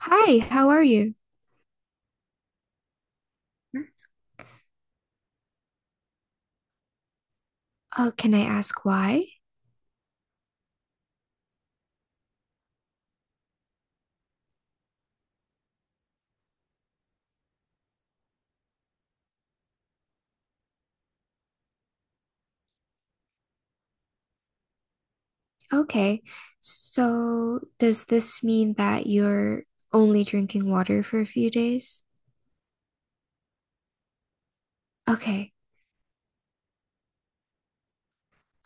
Hi, how are you? Oh, can I ask why? Okay. So, does this mean that you're only drinking water for a few days? Okay.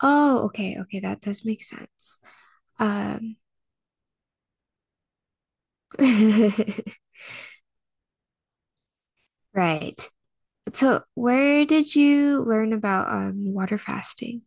Oh, okay, okay, that does make sense. Um, right. So, where did you learn about water fasting?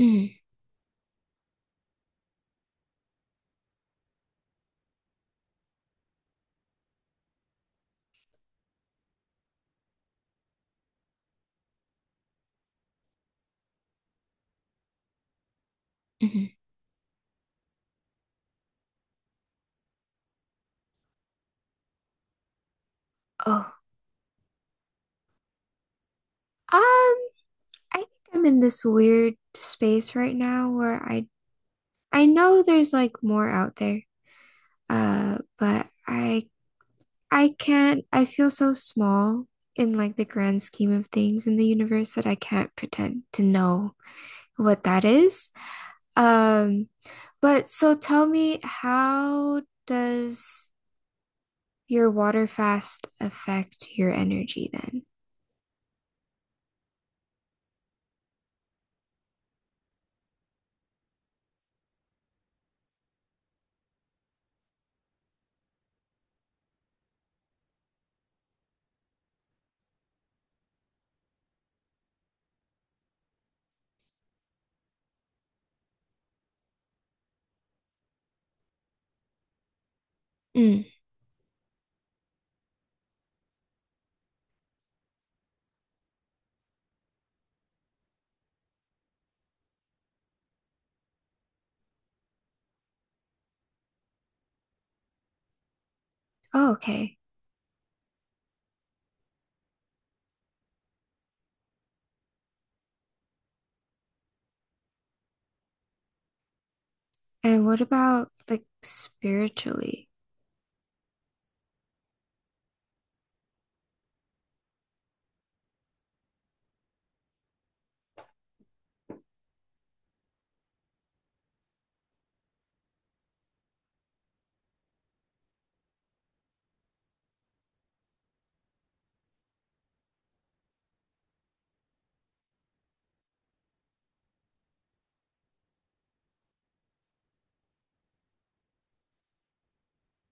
Mm-hmm. Oh, I think I'm in this weird space right now where I know there's like more out there, but I can't, I feel so small in like the grand scheme of things in the universe that I can't pretend to know what that is. Um, but so tell me, how does your water fast affect your energy then? Mm. Oh, okay. And what about like spiritually?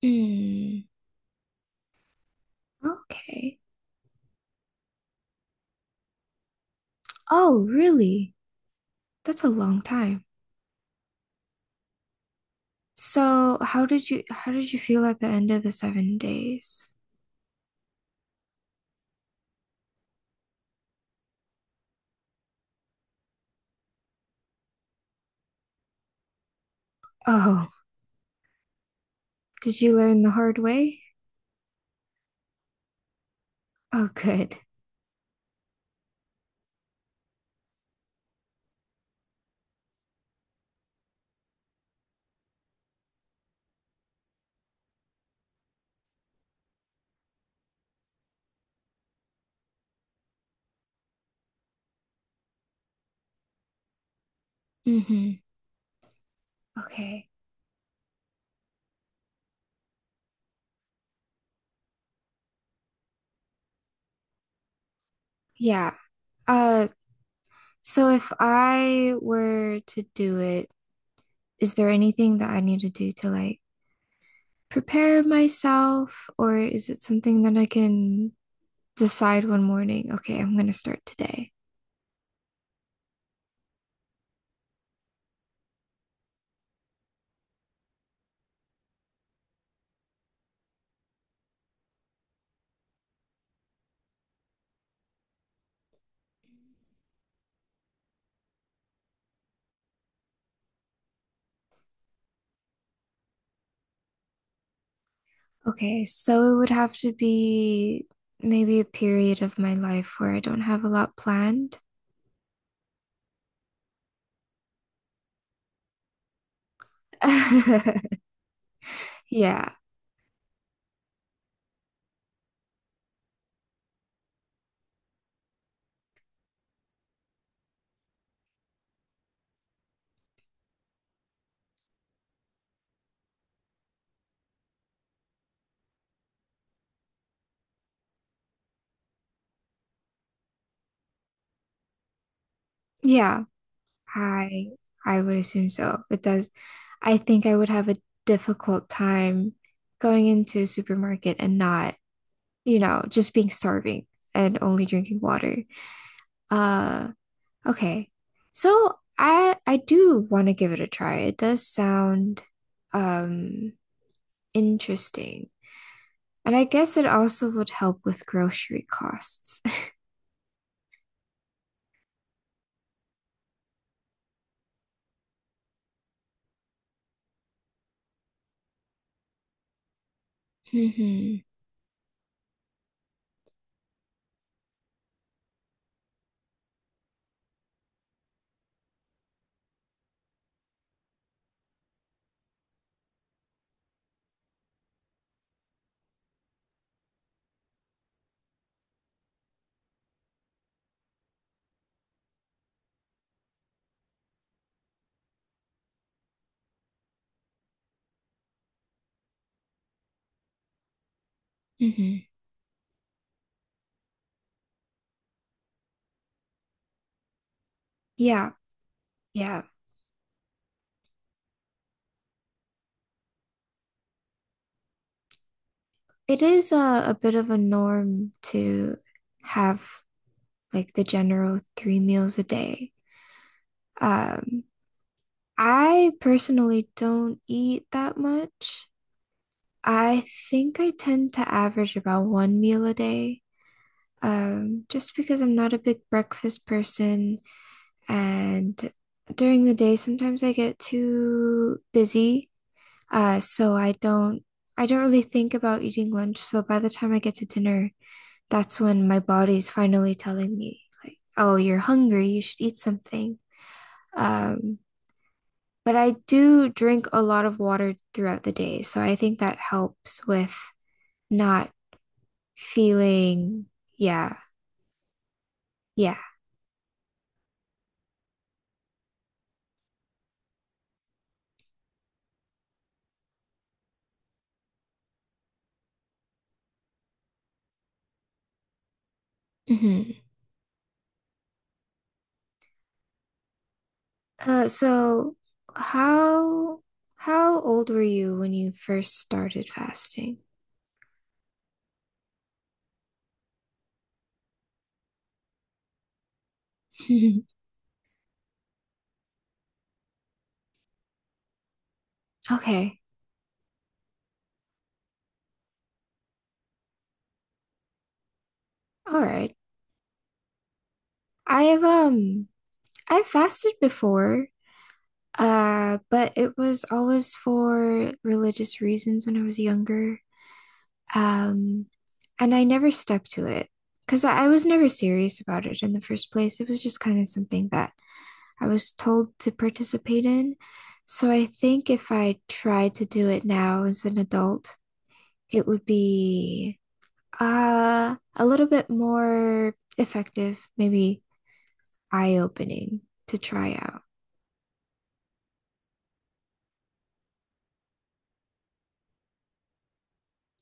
Hmm. Okay. Oh, really? That's a long time. So, how did you feel at the end of the 7 days? Oh, did you learn the hard way? Oh, good. Mm-hmm. Okay. Yeah. Uh, so if I were to do it, is there anything that I need to do to like prepare myself, or is it something that I can decide one morning? Okay, I'm gonna start today. Okay, so it would have to be maybe a period of my life where I don't have a lot planned. Yeah. Yeah. I I would assume so. It does. I think I would have a difficult time going into a supermarket and not, you know, just being starving and only drinking water. Uh, okay. So I do want to give it a try. It does sound um interesting. And I guess it also would help with grocery costs. hmm hmm Yeah, yeah. It is a bit of a norm to have like the general three meals a day. Um, I personally don't eat that much. I think I tend to average about one meal a day, just because I'm not a big breakfast person. And during the day, sometimes I get too busy. So I don't really think about eating lunch. So by the time I get to dinner, that's when my body's finally telling me like, oh, you're hungry, you should eat something. Um, but I do drink a lot of water throughout the day, so I think that helps with not feeling, yeah, yeah. Hmm. So how how old were you when you first started fasting? Okay, all right. I have I fasted before, but it was always for religious reasons when I was younger. Um, and I never stuck to it because I was never serious about it in the first place. It was just kind of something that I was told to participate in. So I think if I tried to do it now as an adult, it would be a little bit more effective, maybe eye-opening to try out.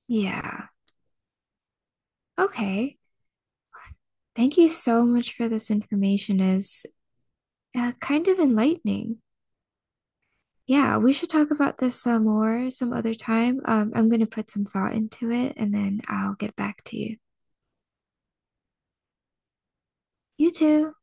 Yeah. Okay. Thank you so much for this information. Is kind of enlightening. Yeah, we should talk about this more some other time. I'm going to put some thought into it and then I'll get back to you. You too.